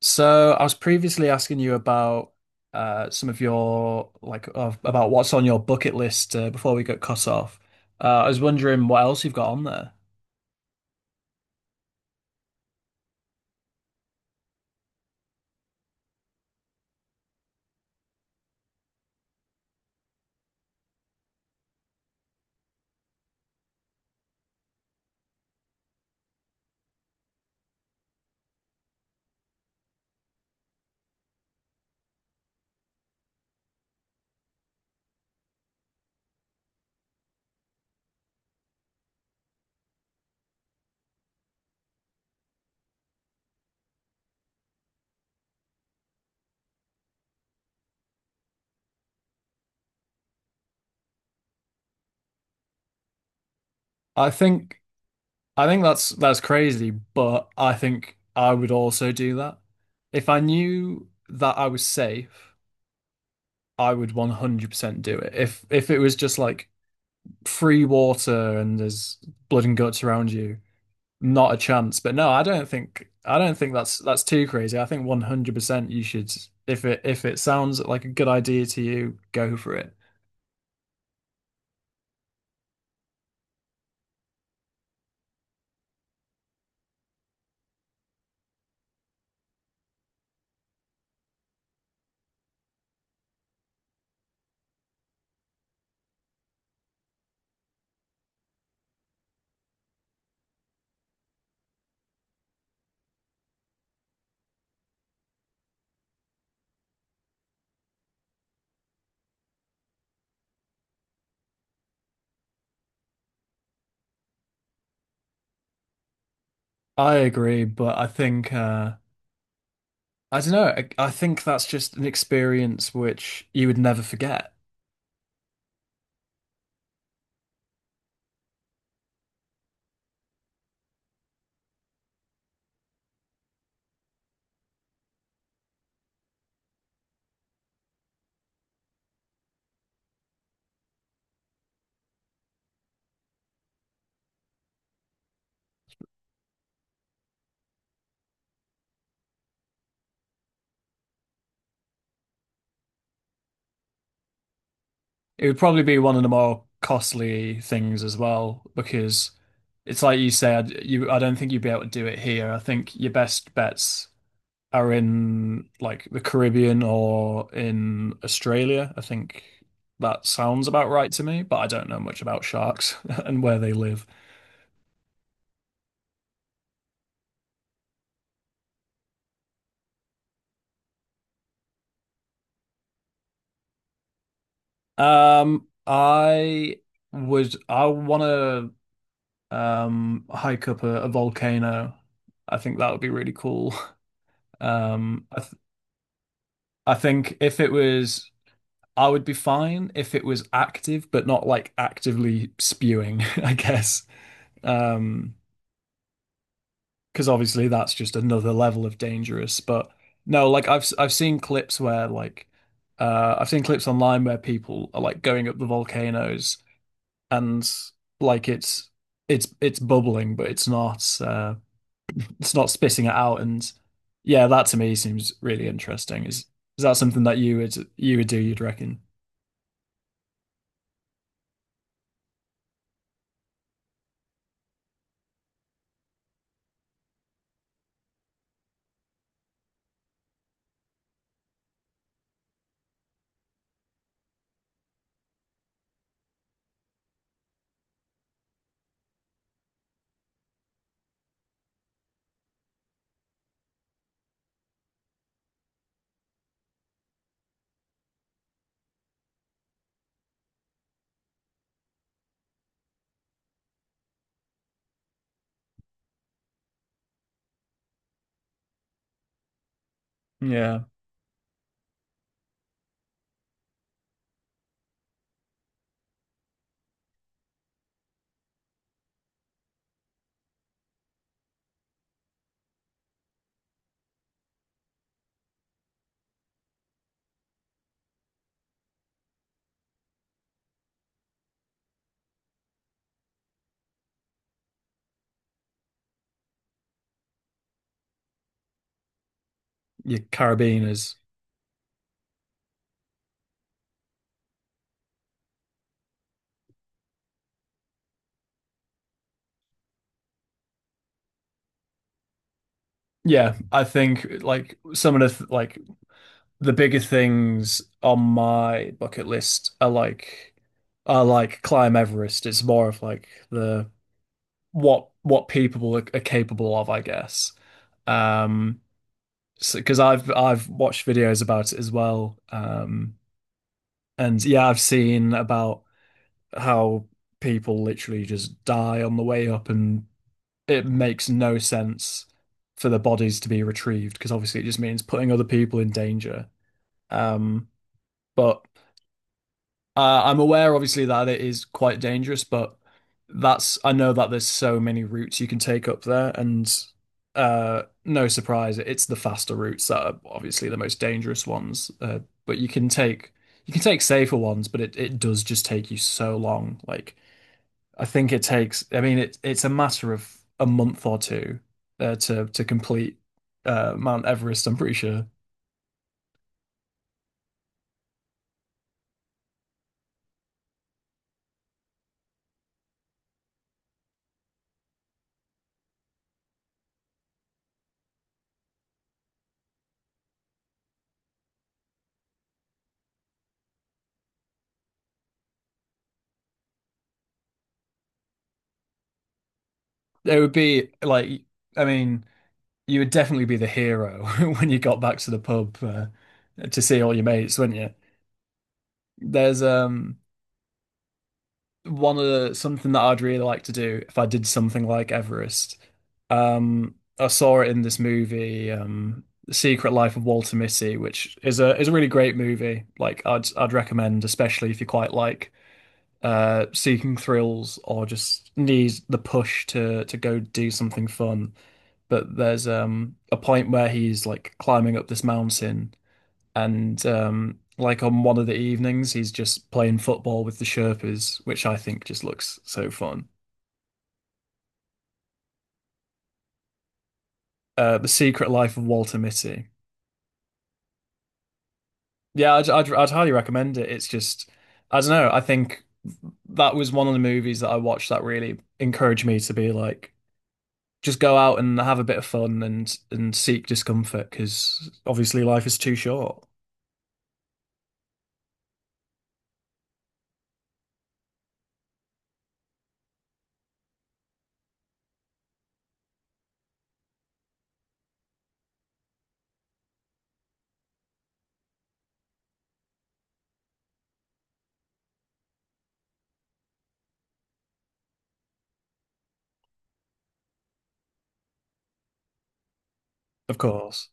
So I was previously asking you about some of your about what's on your bucket list before we got cut off. I was wondering what else you've got on there. I think I think that's crazy, but I think I would also do that. If I knew that I was safe, I would 100% do it. If it was just like free water and there's blood and guts around you, not a chance. But no, I don't think that's too crazy. I think 100% you should, if it sounds like a good idea to you, go for it. I agree, but I think I don't know. I think that's just an experience which you would never forget. It would probably be one of the more costly things as well because it's like you said, you I don't think you'd be able to do it here. I think your best bets are in like the Caribbean or in Australia. I think that sounds about right to me, but I don't know much about sharks and where they live. I would I want to hike up a volcano. I think that would be really cool. Um, I th I think if it was, I would be fine if it was active, but not like actively spewing, I guess. Um, because obviously that's just another level of dangerous. But no, like I've seen clips where like I've seen clips online where people are like going up the volcanoes, and like it's bubbling, but it's not spitting it out. And yeah, that to me seems really interesting. Is that something that you would do, you'd reckon? Yeah, your carabiners. Yeah, I think like some of the th- like the bigger things on my bucket list are like, are like climb Everest. It's more of like the what people are, capable of, I guess. Um, so because I've watched videos about it as well. And yeah, I've seen about how people literally just die on the way up, and it makes no sense for the bodies to be retrieved because obviously it just means putting other people in danger. Um, but I'm aware, obviously, that it is quite dangerous, but that's I know that there's so many routes you can take up there, and no surprise, it's the faster routes that are obviously the most dangerous ones. But you can take safer ones, but it does just take you so long. Like I think it takes, I mean, it it's a matter of a month or two to complete Mount Everest. I'm pretty sure it would be like, I mean, you would definitely be the hero when you got back to the pub to see all your mates, wouldn't you? There's one of the, something that I'd really like to do if I did something like Everest. I saw it in this movie, The Secret Life of Walter Mitty, which is a really great movie. Like I'd recommend, especially if you quite like seeking thrills or just need the push to go do something fun. But there's a point where he's like climbing up this mountain, and like on one of the evenings he's just playing football with the Sherpas, which I think just looks so fun. The Secret Life of Walter Mitty. Yeah, I'd highly recommend it. It's just, I don't know, I think that was one of the movies that I watched that really encouraged me to be like just go out and have a bit of fun and seek discomfort because obviously life is too short, of course.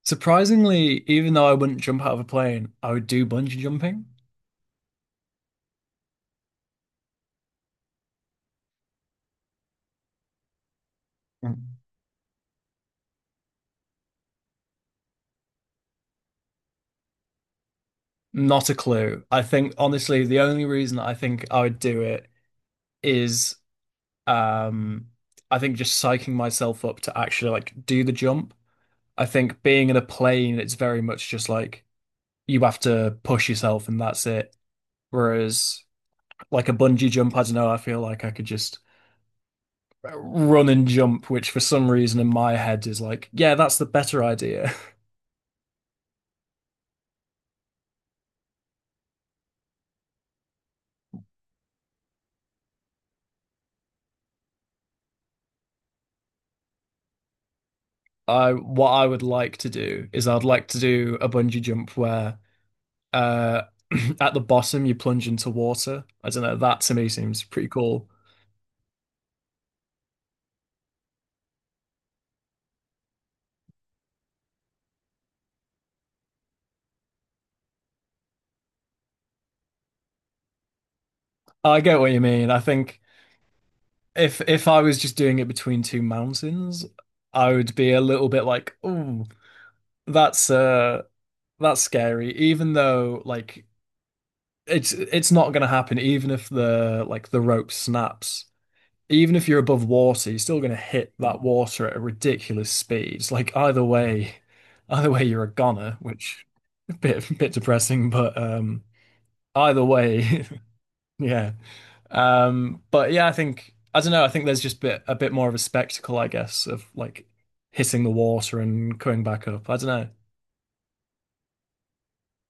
Surprisingly, even though I wouldn't jump out of a plane, I would do bungee jumping. Mm. Not a clue. I think honestly, the only reason I think I would do it is, um I think just psyching myself up to actually like do the jump. I think being in a plane, it's very much just like you have to push yourself and that's it. Whereas like a bungee jump, I don't know, I feel like I could just run and jump, which for some reason in my head is like, yeah, that's the better idea. I, what I would like to do is I'd like to do a bungee jump where uh at the bottom you plunge into water. I don't know, that to me seems pretty cool. I get what you mean. I think if I was just doing it between two mountains, I would be a little bit like, "Ooh, that's uh that's scary." Even though like it's not gonna happen even if the rope snaps. Even if you're above water, you're still going to hit that water at a ridiculous speed. It's like either way, you're a goner, which a bit depressing, but either way, yeah. But yeah, I think I don't know. I think there's just bit more of a spectacle, I guess, of like hitting the water and coming back up. I don't know.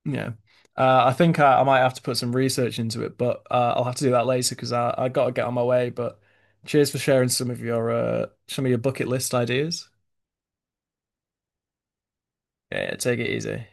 Yeah. I think I might have to put some research into it, but I'll have to do that later because I got to get on my way. But cheers for sharing some of your bucket list ideas. Yeah, take it easy.